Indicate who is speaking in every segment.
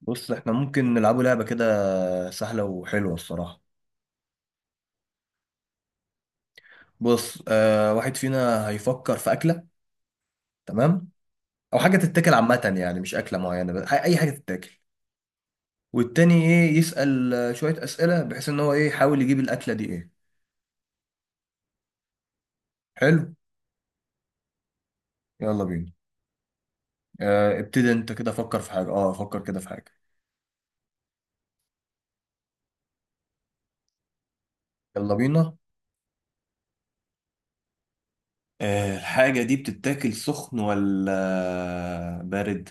Speaker 1: بص، احنا ممكن نلعبوا لعبة كده سهلة وحلوة الصراحة. بص، واحد فينا هيفكر في أكلة. تمام. أو حاجة تتاكل عامة، يعني مش أكلة معينة بس أي حاجة تتاكل. والتاني إيه، يسأل شوية أسئلة بحيث إن هو إيه يحاول يجيب الأكلة دي إيه. حلو. يلا بينا. ابتدي أنت كده، فكر في حاجة. فكر كده في حاجة. يلا بينا. الحاجة دي بتتاكل سخن ولا بارد؟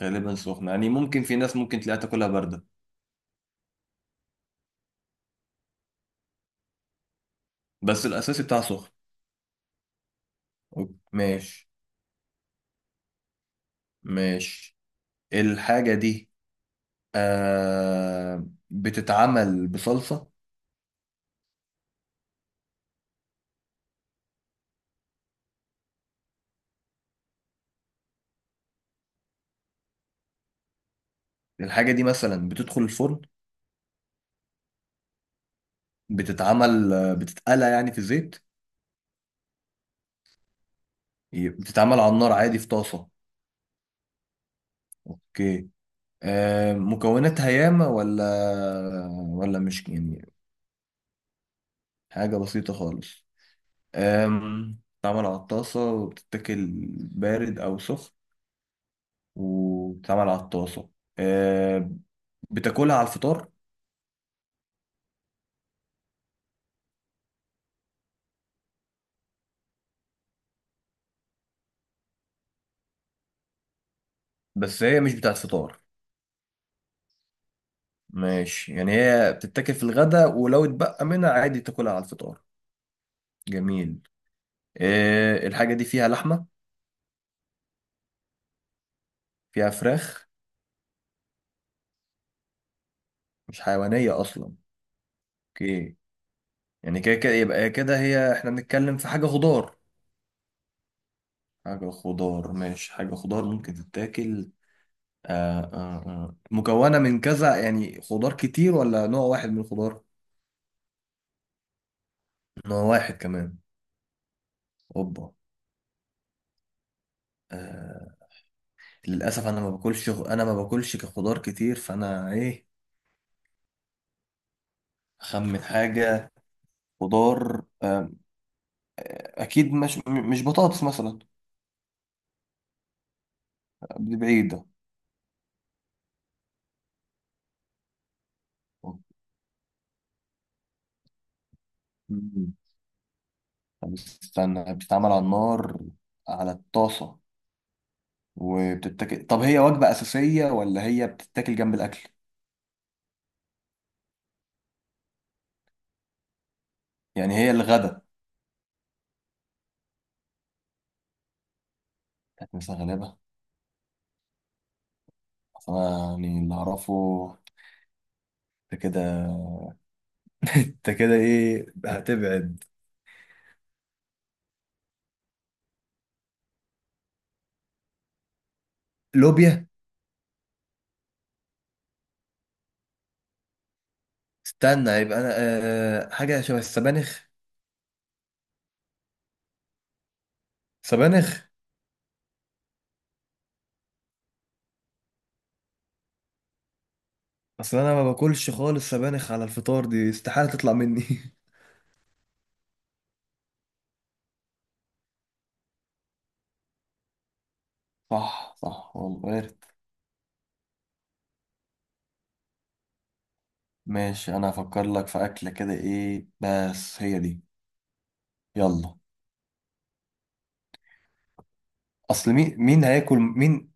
Speaker 1: غالبا سخن، يعني ممكن في ناس ممكن تلاقيها تاكلها باردة. بس الأساسي بتاعها سخن. ماشي. ماشي. الحاجة دي بتتعمل بصلصة. الحاجة دي مثلا بتدخل الفرن؟ بتتعمل بتتقلى يعني في الزيت؟ بتتعمل على النار عادي في طاسة؟ اوكي. مكوناتها ياما ولا مش يعني؟ حاجة بسيطة خالص. بتتعمل على الطاسة وبتتاكل بارد أو سخن وبتتعمل على الطاسة. آه بتاكلها على الفطار؟ بس هي مش بتاعت فطار. ماشي، يعني هي بتتاكل في الغداء ولو اتبقى منها عادي تاكلها على الفطار. جميل. إيه، الحاجة دي فيها لحمة؟ فيها فراخ؟ مش حيوانية أصلا. اوكي، يعني كده كده يبقى كده هي احنا بنتكلم في حاجة خضار. حاجة خضار، ماشي حاجة خضار ممكن تتاكل. مكونة من كذا، يعني خضار كتير ولا نوع واحد من الخضار؟ نوع واحد كمان. اوبا. آه للأسف أنا ما باكلش، كخضار كتير فأنا إيه. أخمن حاجة. خضار، اكيد مش مش بطاطس مثلا. دي بعيده. مم. طب استنى، بتتعمل على النار على الطاسه وبتتاكل. طب هي وجبه اساسيه ولا هي بتتاكل جنب الاكل؟ يعني هي الغدا كانت مثلا غالبا. أصل انا يعني اللي اعرفه. انت كده انت كده ايه هتبعد. لوبيا؟ استنى، يبقى انا حاجه شبه السبانخ. سبانخ؟ اصل انا ما باكلش خالص سبانخ على الفطار، دي استحاله تطلع مني. صح، صح، والله وارد. ماشي، انا هفكر لك في اكله كده ايه بس هي دي. يلا. اصل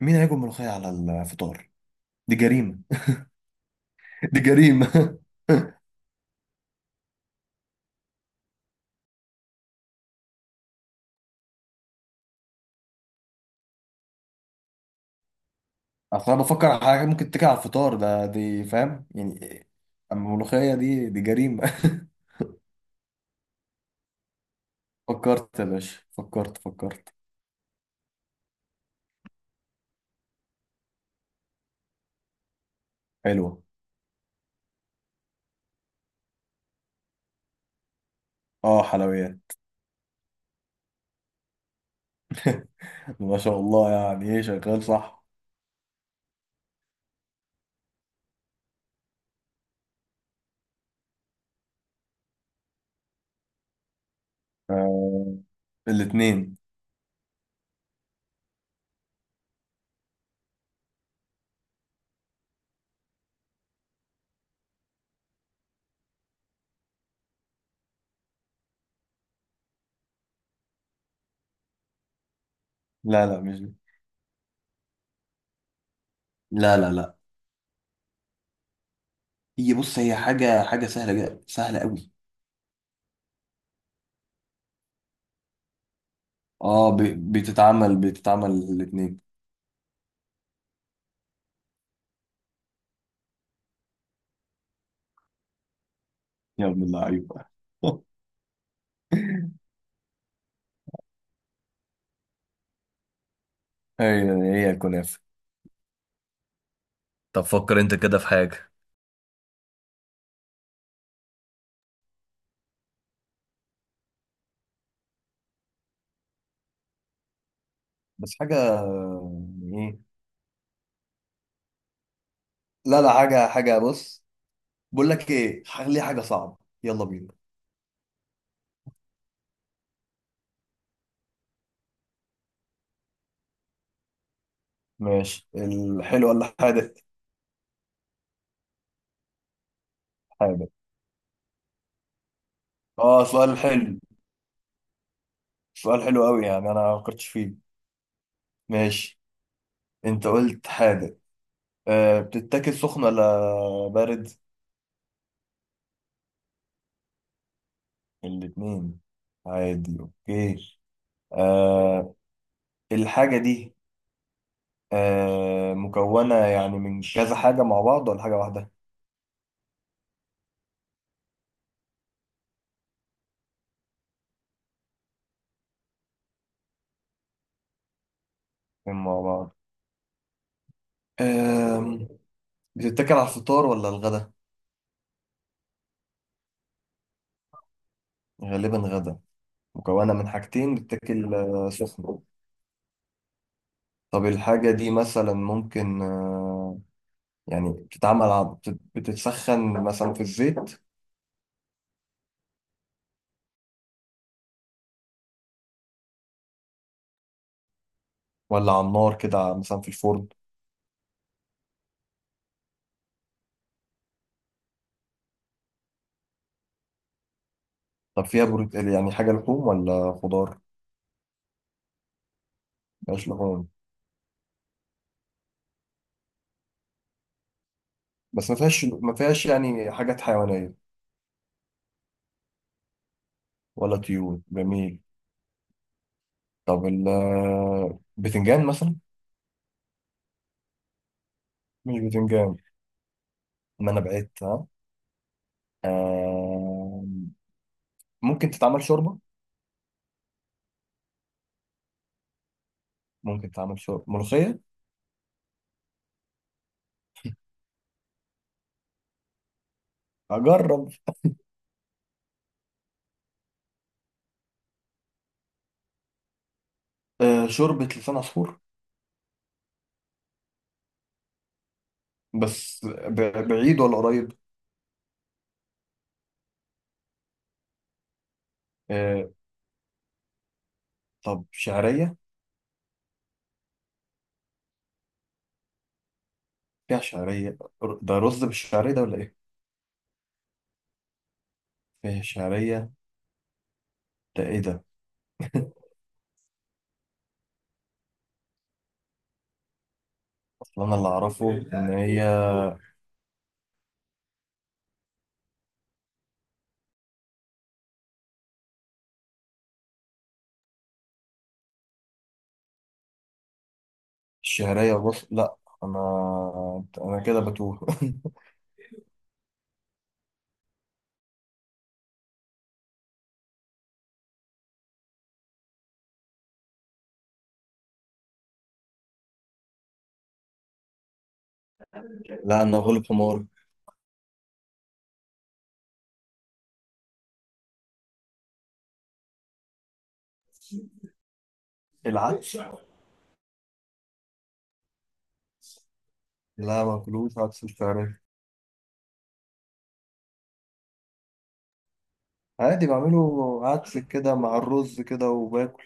Speaker 1: مين هياكل ملوخيه على الفطار. دي جريمه. دي جريمه. اصل انا بفكر على حاجه ممكن تيجي على الفطار ده، دي فاهم يعني إيه؟ اما الملوخيه دي، دي جريمه. فكرت يا باشا، فكرت، فكرت. حلوه. اه، حلويات. ما شاء الله، يعني ايه، شغال صح. آه، الاتنين. لا، لا، مش دي. لا، لا، لا. هي بص، هي حاجة سهلة جدا، سهلة قوي. اه، بتتعمل الاتنين. يا ابن اللعيبة. هي، هي الكنافة. طب فكر انت كده في حاجة. بس حاجة. يعني ايه؟ لا، لا، حاجة بص. بقول لك ايه، خلي حاجة صعبة. يلا بينا. ماشي، الحلو ولا حادث؟ حادث. اه، سؤال حلو. سؤال حلو قوي، يعني انا ما فكرتش فيه. ماشي، انت قلت حادث. بتتاكل سخن ولا بارد؟ الاثنين عادي. اوكي. آه الحاجة دي، مكونة يعني من كذا حاجة مع بعض ولا حاجة واحدة؟ اتنين مع بعض. آه بتتاكل على الفطار ولا الغدا؟ غالبا غدا. مكونة من حاجتين بتتاكل سخنة. طب الحاجة دي مثلا ممكن يعني بتتعمل بتتسخن مثلا في الزيت؟ ولا على النار كده مثلا في الفرن؟ طب فيها بروت، يعني حاجة لحوم ولا خضار؟ مفيهاش لحوم. بس ما فيهاش يعني حاجات حيوانية. ولا طيور. جميل. طب بتنجان مثلا؟ مش بتنجان؟ ما انا بعدت ها. آه ممكن تتعمل شوربة. ممكن تتعمل شوربة ملوخية؟ اجرب. شوربة لسان عصفور. بس بعيد ولا قريب؟ آه طب شعرية؟ فيها شعرية؟ ده رز بالشعرية ده ولا ايه؟ فيها شعرية. ده ايه ده؟ اصل انا اللي اعرفه ان هي الشعرية، بص لا. انا كده بتوه. لا، انا غلب حمار. العدس؟ لا، ما باكلوش عدس بالفراخ. عادي، بعمله عدس كده مع الرز كده وباكل.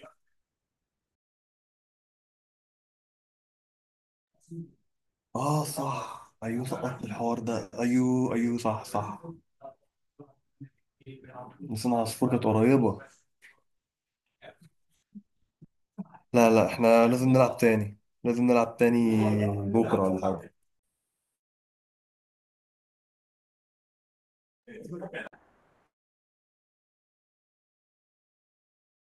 Speaker 1: اه، صح، ايوه، سقطت الحوار ده، ايوه، ايوه، صح، صح. لسان عصفور كانت قريبة. لا، لا، احنا لازم نلعب تاني. لازم نلعب تاني. بكرة ولا حاجة؟